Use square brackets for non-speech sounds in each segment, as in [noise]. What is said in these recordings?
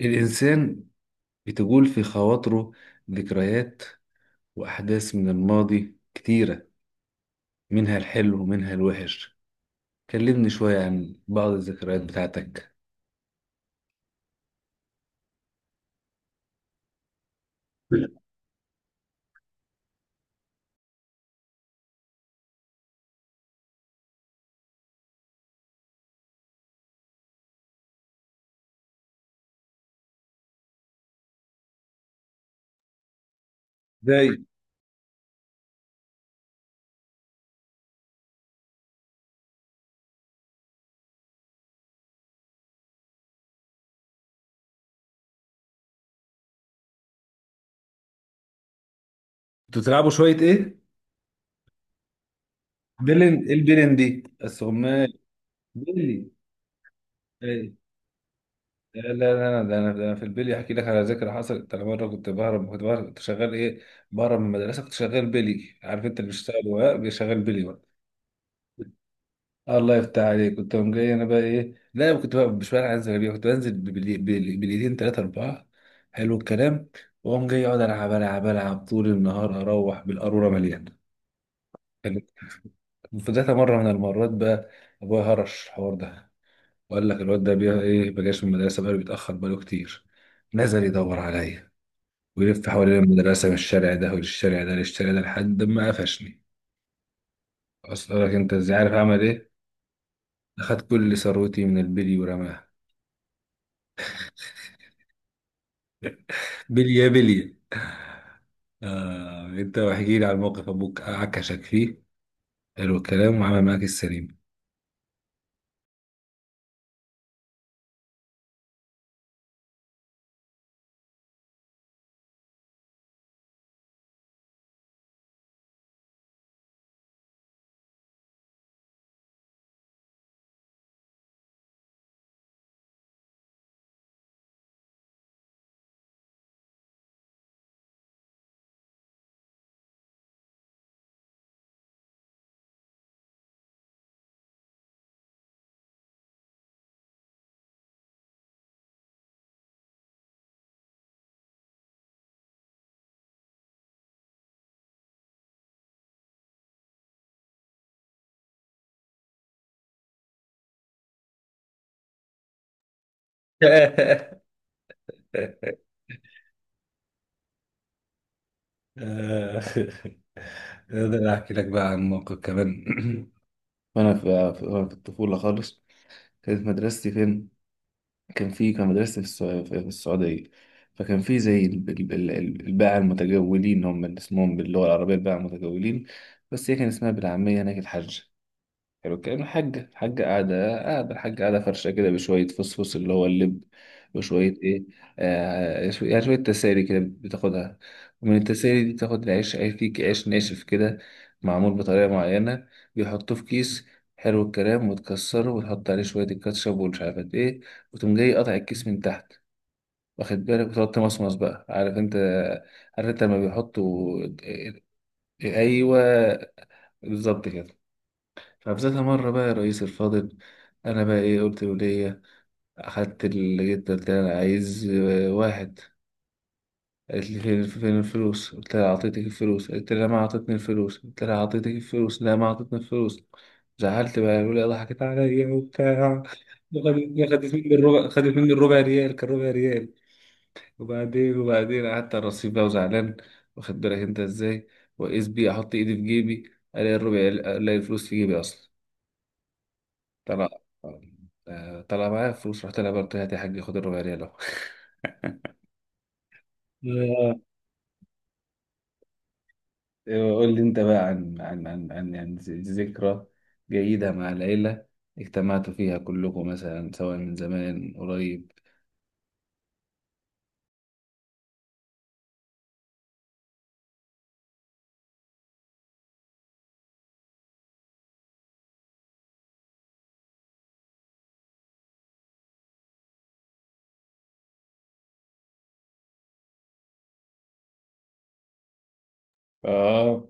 الإنسان بتجول في خواطره ذكريات وأحداث من الماضي كتيرة، منها الحلو ومنها الوحش. كلمني شوية عن بعض الذكريات بتاعتك. زي كنتوا بتلعبوا شوية إيه؟ بلن، إيه البلن دي؟ السغمال بلي إيه؟ لا ده انا في البلي احكي لك على ذكرى حصلت. انا مره كنت بهرب كنت شغال ايه، بهرب من المدرسه. كنت شغال بلي، عارف انت اللي بيشتغل ورق، بيشغل بلي ورق. الله يفتح عليك. كنت قوم جاي انا بقى ايه، لا أنا كنت بقى مش بقى انزل بيها، كنت بنزل بالايدين ثلاثة أربعة. حلو الكلام. واقوم جاي اقعد العب طول النهار، اروح بالقارورة مليانة كانت. في ذات مرة من المرات بقى، ابويا هرش الحوار ده وقال لك الواد ده بيها ايه، ما جاش من المدرسة، بقاله بيتأخر بقاله كتير. نزل يدور عليا ويلف حوالين المدرسة من الشارع ده والشارع ده للشارع ده لحد ما قفشني. أصل لك أنت إزاي عارف أعمل إيه؟ أخد كل ثروتي من البلي ورماها. بلية بلية. آه، انت احكي لي عن موقف ابوك عكشك فيه، حلو الكلام، وعمل معاك السليم. [laughs] آه، اقدر احكي لك بقى عن موقف كمان. [clears throat] وانا في وأنا في الطفوله خالص. كانت مدرستي فين؟ كان في، كان مدرستي في في السعوديه. فكان في زي الباعة المتجولين، هم اللي اسمهم باللغه العربيه الباعة المتجولين، بس هي كان اسمها بالعاميه هناك الحاجه. حلو الكلام. الحاجة قاعدة فرشة كده، بشوية فصفص اللي هو اللب، وشوية إيه، يعني شوية تسالي كده بتاخدها. ومن التسالي دي بتاخد العيش، عيش فيه، عيش ناشف كده معمول بطريقة معينة، بيحطوه في كيس. حلو الكلام. وتكسره وتحط عليه شوية الكاتشب ومش عارف قد إيه، وتقوم جاي قاطع الكيس من تحت، واخد بالك، وتقعد تمصمص بقى. عارف أنت، عارف أنت لما بيحطوا؟ أيوه، بالظبط كده. فبذات مرة بقى يا رئيس الفاضل، أنا بقى إيه، قلت ولية أخدت اللي جيت، قلت لها أنا عايز واحد. قالت لي فين، فين الفلوس؟ قلت لها أعطيتك الفلوس، قلت لها ما أعطتني الفلوس، قلت لها أعطيتك الفلوس، لا ما أعطتني الفلوس. زعلت بقى الولية ضحكت عليا وبتاع، خدت مني الربع، خدت مني الربع ريال، كان ربع ريال. وبعدين قعدت على الرصيف بقى وزعلان، واخد بالك أنت إزاي، وقيس بيه أحط إيدي في جيبي ألاقي الربع، ألاقي الفلوس في جيبي أصلا. طلع، طلع معايا فلوس. رحت لها برضه، هات يا حاج، خد الربع ريال اهو. [laughs] قول لي انت بقى عن عن يعني ذكرى جيدة مع العيلة، اجتمعتوا فيها كلكم مثلا سواء من زمان قريب. اه،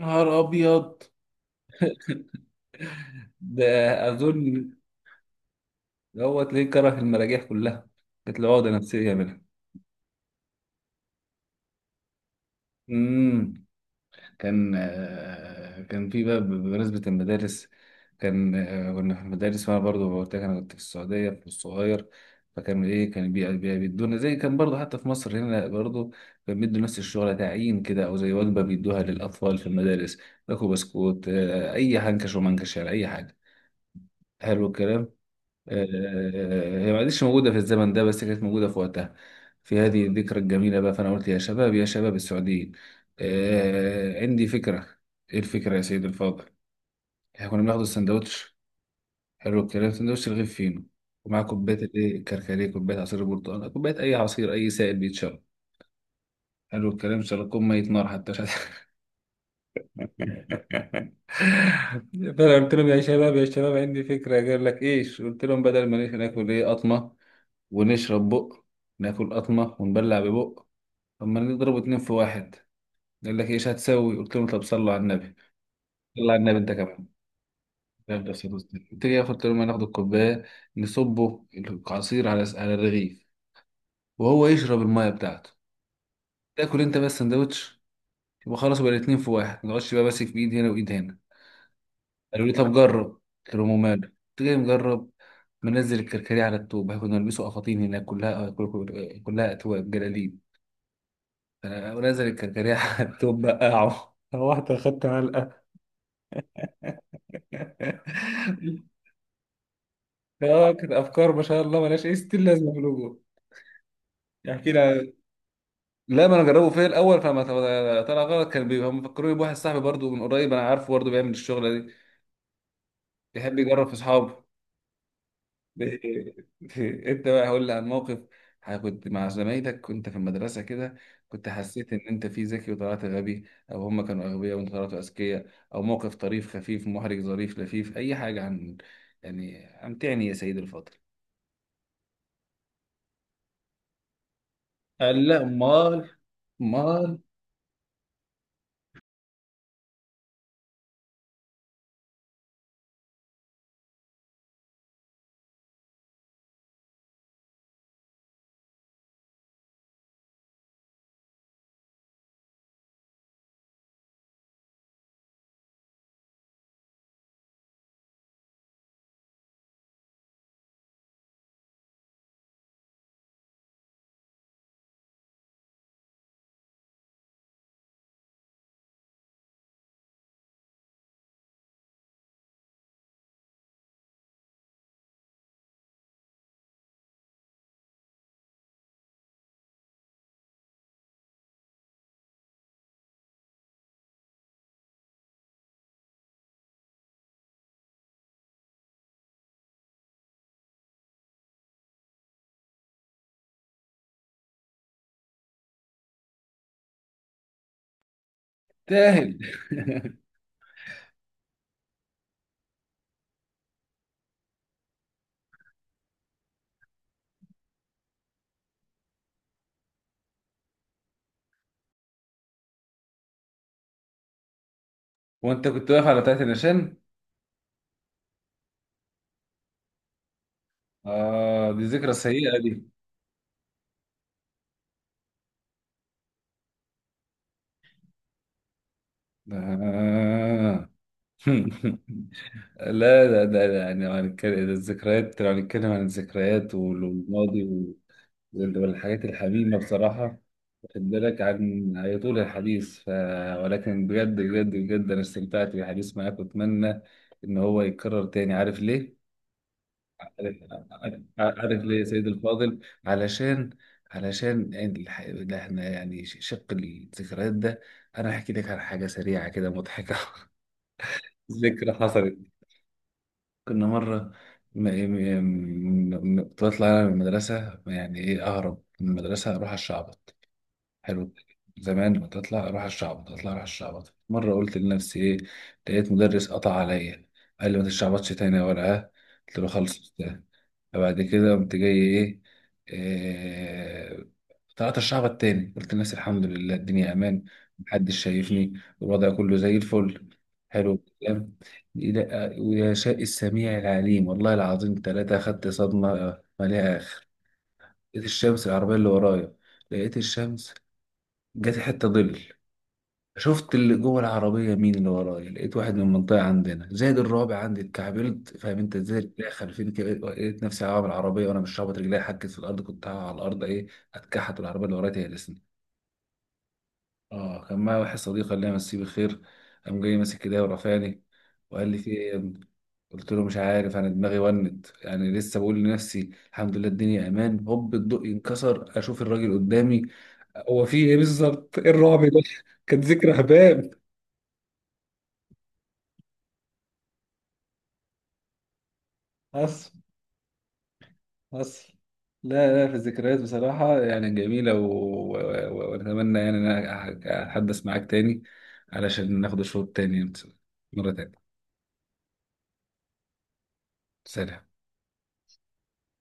نهار ابيض ده. اظن دوت ليه كره المراجيح كلها، كانت له عقدة نفسية منها. امم كان كان في بقى بمناسبة المدارس، كان كنا في المدارس، وأنا برضو قلت لك أنا كنت في السعودية في الصغير. فكان إيه، كان بيدونا زي، كان برضو حتى في مصر هنا برضو كان بيدوا نفس الشغل، تعيين كده أو زي وجبة بيدوها للأطفال في المدارس، ياكلوا بسكوت أي حنكش ومنكش يعني أي حاجة. حلو الكلام. هي ما عادش موجودة في الزمن ده، بس كانت موجودة في وقتها. في هذه الذكرى الجميلة بقى، فأنا قلت يا شباب، يا شباب السعوديين، عندي فكرة. إيه الفكرة يا سيدي الفاضل؟ إحنا كنا بناخد السندوتش، حلو الكلام، سندوتش رغيف فينو ومعاه كوباية الإيه، الكركديه، كوباية عصير البرتقال، كوباية أي عصير، أي سائل بيتشرب. حلو الكلام. شرب كوب مية نار حتى مش عارف. [laughs] فانا قلت لهم يا شباب، يا شباب عندي فكره. قال لك ايش؟ قلت لهم بدل ما ناكل ايه قطمه ونشرب بق، ناكل قطمه ونبلع ببق، طب ما نضرب اتنين في واحد. قال لك ايش هتسوي؟ قلت لهم طب صلوا على النبي. صلوا على النبي انت كمان. يلا صلوا على النبي. قلت لي، قلت لهم هناخد الكوبايه، نصبه العصير على على الرغيف، وهو يشرب الميه بتاعته، تاكل انت بس سندوتش، يبقى خلاص بقى الاتنين في واحد، ما تقعدش بقى ماسك بايد هنا وايد هنا. قالوا لي طب جرب، قلت لهم ماله، قلت جاي مجرب. منزل الكركديه على التوب، كنا نلبسه قفاطين هناك، كلها أتواب جلاليب. ونزل الكركديه [laughs] على التوب بقعه، روحت أخدت علقة. [laughs] اه، كانت أفكار ما شاء الله ملهاش أي ستين لازمة في الوجود. يحكي لي عن- لا، ما انا جربه فيا الاول فما طلع غلط. كان بيبقى مفكروني بواحد صاحبي برضو من قريب، انا عارفه برضو بيعمل الشغله دي، بيحب يجرب في اصحابه. ب- [laughs] انت بقى هقول لي عن موقف، كنت مع زمايلك كنت في المدرسه كده، كنت حسيت ان انت فيه ذكي وطلعت غبي، او هم كانوا اغبياء وانت طلعتوا اذكياء، او موقف طريف خفيف محرج ظريف لفيف، اي حاجه عن، يعني امتعني يا سيدي الفاضل. قال لا، امال، امال. تاهل. وانت كنت واقف على بتاعه النشان؟ اه، دي ذكرى سيئه دي. آه. [laughs] لا لا، ده يعني لو هنتكلم، ده الذكريات لو هنتكلم عن الذكريات والماضي والحاجات الحميمة بصراحة، واخد بالك، عن يطول الحديث ف... ولكن بجد بجد بجد أنا استمتعت بالحديث معاك، وأتمنى إن هو يتكرر تاني. عارف ليه؟ عارف, عارف ليه يا سيد الفاضل؟ علشان، علشان يعني الح... ده احنا يعني شق الذكريات ده، أنا هحكي لك عن حاجة سريعة كده مضحكة. [laughs] ذكرى حصلت. كنا مرة م... م... م... كنت بطلع أنا من المدرسة، يعني إيه، أهرب من المدرسة أروح على الشعب. حلو، زمان كنت اطلع اروح الشعبط، اطلع اروح الشعبط. مره قلت لنفسي ايه، لقيت مدرس قطع عليا. قال لي ما تشعبطش تاني يا ورقه. قلت له خلص يا أستاذ. فبعد كده قمت جاي ايه، إيه، طلعت الشعبط تاني. قلت لنفسي الحمد لله الدنيا امان، محدش شايفني، الوضع كله زي الفل. حلو الكلام. لا، ويا شاء السميع العليم، والله العظيم ثلاثة أخدت صدمة مليئة آخر. لقيت الشمس العربية اللي ورايا، لقيت الشمس جت حته ظل، شفت اللي جوه العربيه مين اللي ورايا، لقيت واحد من المنطقه عندنا زائد الرابع عندي، اتكعبلت فاهم انت ازاي، رجلي خلفين كده، لقيت نفسي هقع من العربيه وانا مش رابط، رجلي حكت في الارض، كنت هقع على الارض ايه، اتكحت العربيه اللي ورايا هي. اه، كان معايا واحد صديق الله يمسيه بالخير، قام جاي ماسك ايديا ورفعني وقال لي في ايه يا ابني؟ قلت له مش عارف انا دماغي ونت، يعني لسه بقول لنفسي الحمد لله الدنيا امان، هوب الضوء ينكسر اشوف الراجل قدامي، هو في ايه بالظبط، ايه الرعب ده. [laughs] كانت ذكرى هباب. حصل، حصل. لا لا، في الذكريات بصراحة يعني جميلة و- وأتمنى يعني إن أنا أتحدث معاك تاني، علشان ناخد الشوط التاني مرة تانية. سلام.